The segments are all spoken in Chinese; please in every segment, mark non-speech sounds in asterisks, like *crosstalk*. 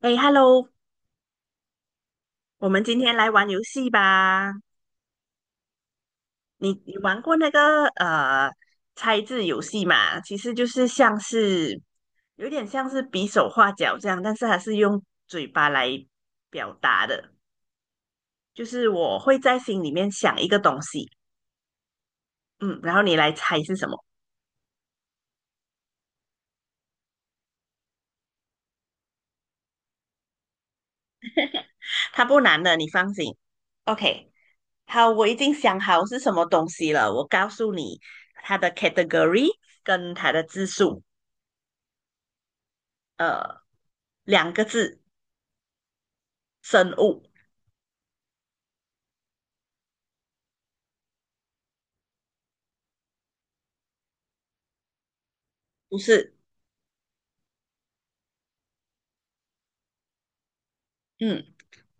哎，Hello，我们今天来玩游戏吧。你玩过那个猜字游戏嘛？其实就是像是有点像是比手画脚这样，但是还是用嘴巴来表达的。就是我会在心里面想一个东西，嗯，然后你来猜是什么。它不难的，你放心。OK，好，我已经想好是什么东西了。我告诉你它的 category 跟它的字数，呃，2个字。生物，不是，嗯，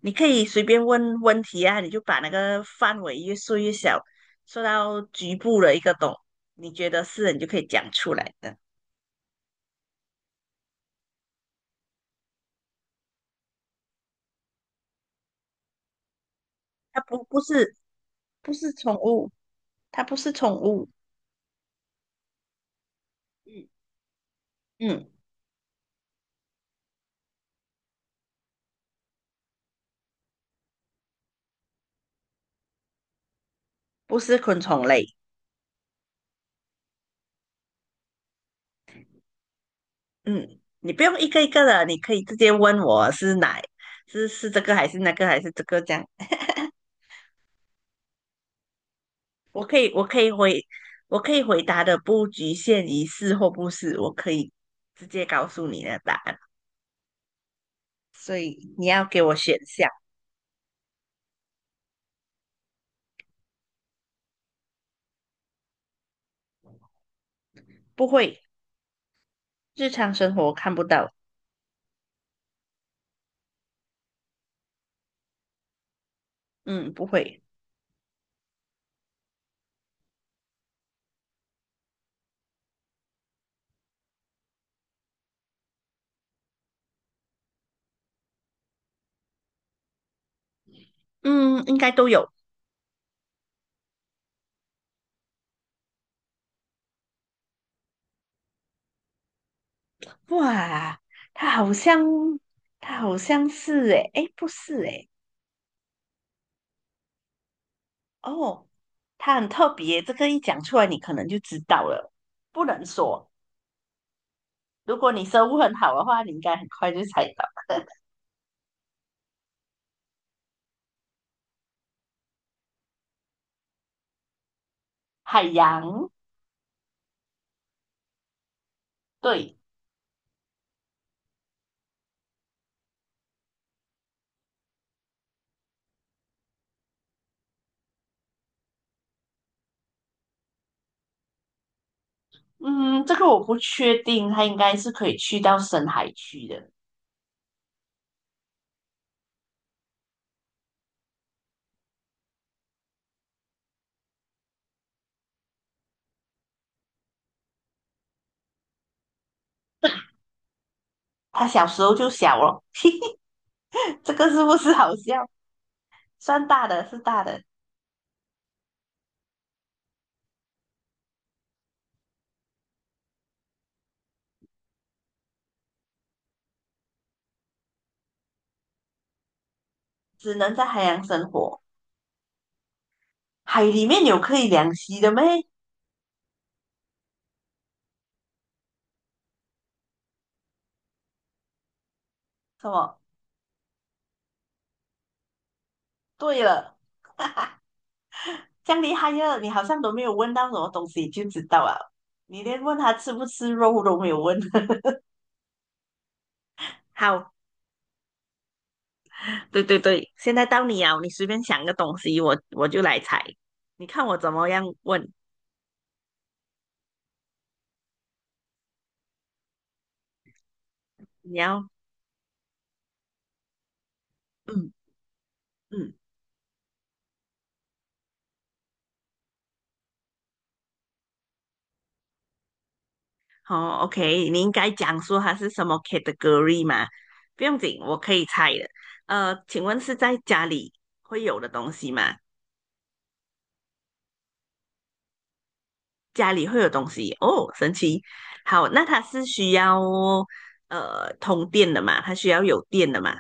你可以随便问问题啊，你就把那个范围越缩越小，缩到局部的一个懂，你觉得是，你就可以讲出来的。它不是宠物，它不是宠物，嗯嗯，不是昆虫类，嗯，你不用一个一个的，你可以直接问我是哪，是这个还是那个还是这个这样，我可以我可以回我可以回答的不局限于是或不是，我可以直接告诉你的答案。所以你要给我选项，不会，日常生活看不到，嗯，不会，嗯，应该都有。哇，它好像，它好像是诶，诶，不是诶，哦，它很特别，这个一讲出来你可能就知道了，不能说。如果你生物很好的话，你应该很快就猜到。海洋，对，嗯，这个我不确定，它应该是可以去到深海区的。它小时候就小了，*laughs* 这个是不是好笑？算大的，是大的，只能在海洋生活。海里面有可以凉席的咩？什么？对了，这样厉害呀！你好像都没有问到什么东西就知道了，你连问他吃不吃肉都没有问。*laughs* 好，对对对，现在到你啊，你随便想个东西，我就来猜，你看我怎么样问？你要，嗯嗯，好，OK，你应该讲说它是什么 category 嘛？不用紧，我可以猜的。请问是在家里会有的东西吗？家里会有东西哦，神奇。好，那它是需要通电的嘛？它需要有电的嘛？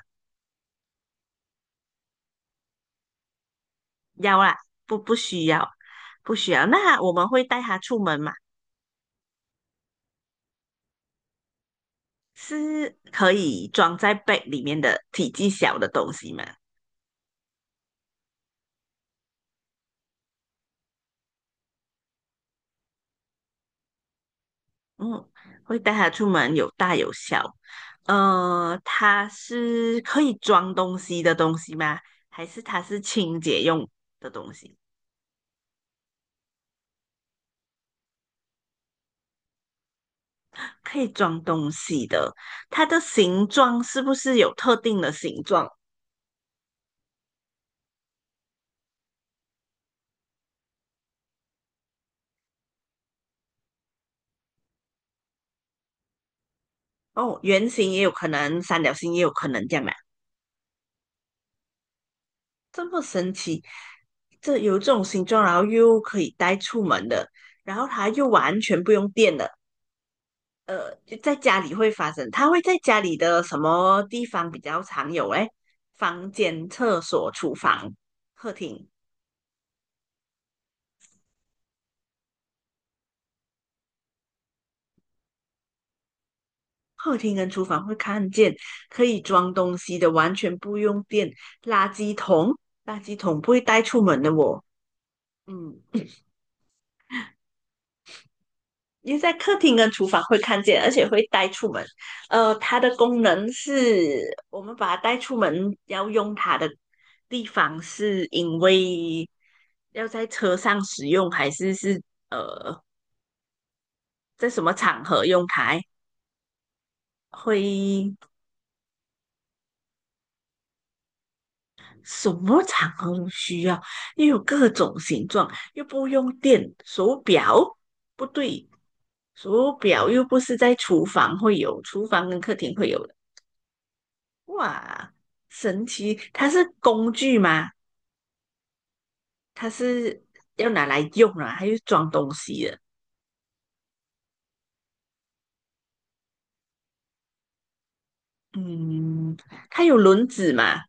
要啦，不需要，不需要。那我们会带它出门嘛？是可以装在 b 里面的体积小的东西嘛？嗯，会带它出门，有大有小。它是可以装东西的东西吗？还是它是清洁用的东西？可以装东西的，它的形状是不是有特定的形状？哦，圆形也有可能，三角形也有可能，这样的，这么神奇，这有这种形状，然后又可以带出门的，然后它又完全不用电的。在家里会发生，它会在家里的什么地方比较常有？哎，房间、厕所、厨房、客厅，客厅跟厨房会看见可以装东西的，完全不用电，垃圾桶，垃圾桶不会带出门的我，嗯，因为在客厅跟厨房会看见，而且会带出门。它的功能是我们把它带出门要用它的地方，是因为要在车上使用，还是呃在什么场合用它？会什么场合都需要，又有各种形状，又不用电。手表不对，手表又不是在厨房会有，厨房跟客厅会有的。哇，神奇！它是工具吗？它是要拿来用啊，它又装东西的。嗯，它有轮子吗？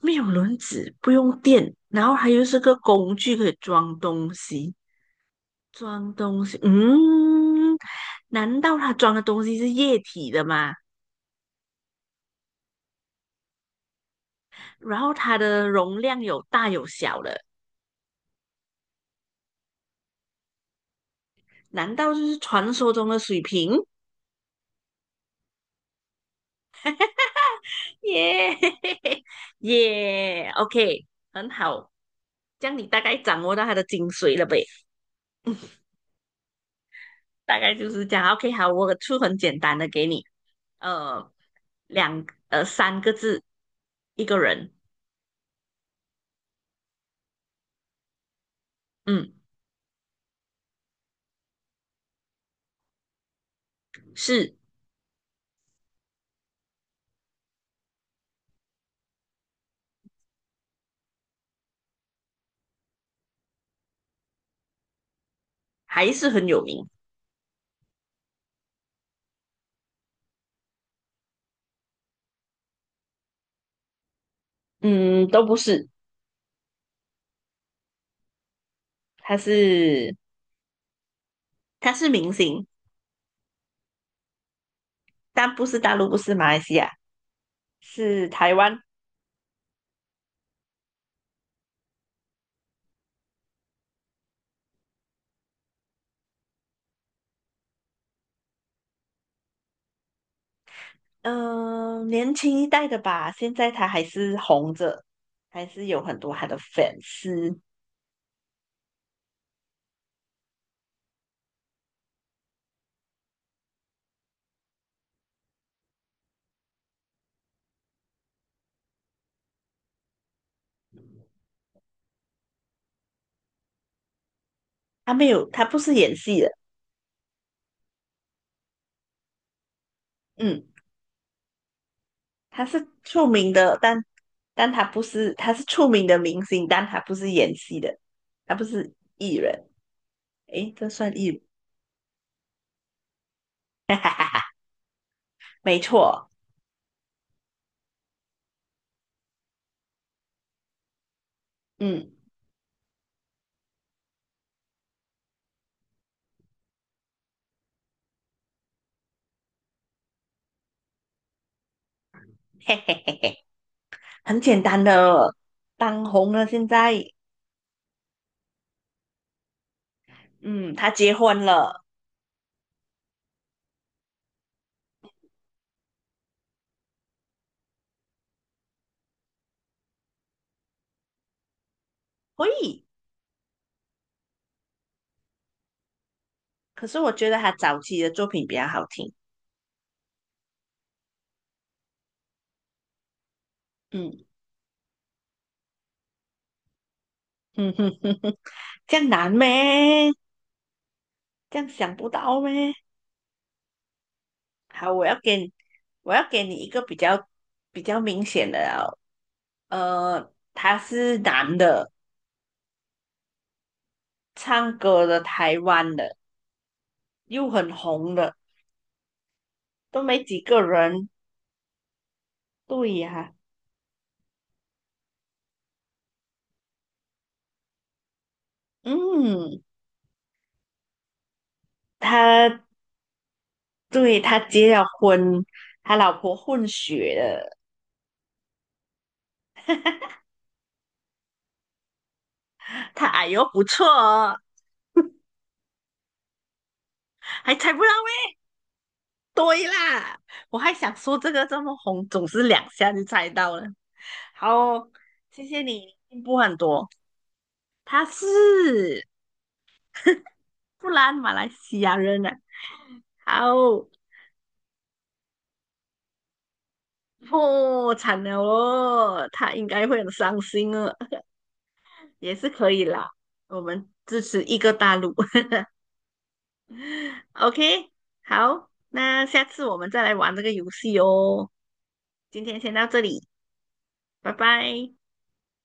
没有轮子，不用电，然后它又是个工具可以装东西，装东西。嗯。难道它装的东西是液体的吗？然后它的容量有大有小的，难道就是传说中的水瓶？耶 *laughs* 耶，OK，很好，这样你大概掌握到它的精髓了呗，大概就是这样。OK，好，我出很简单的给你，呃，3个字，一个人，嗯，是还是很有名，嗯，都不是，他是他是明星，但不是大陆，不是马来西亚。是台湾，嗯、年轻一代的吧，现在他还是红着，还是有很多他的粉丝。他没有，他不是演戏的，嗯，他是出名的，但他不是，他是出名的明星，但他不是演戏的，他不是艺人。诶，这算艺人？*laughs* 哈哈哈哈，没错，嗯，*laughs* 嘿嘿嘿嘿，很简单的，当红了现在，嗯，他结婚了，可以。可是我觉得他早期的作品比较好听。嗯嗯哼哼哼，这样难咩？这样想不到咩？好，我要给你一个比较明显的哦，他是男的，唱歌的，台湾的，又很红的，都没几个人。对呀、嗯，他对他结了婚，他老婆混血的，他矮呦不错哦，还猜不到对啦，我还想说这个这么红，总是两下就猜到了。好，谢谢你进步很多。他是布兰马来西亚人啊。好，破产了哦，他应该会很伤心哦，也是可以啦。我们支持一个大陆。*laughs* OK，好，那下次我们再来玩这个游戏哦。今天先到这里，拜拜。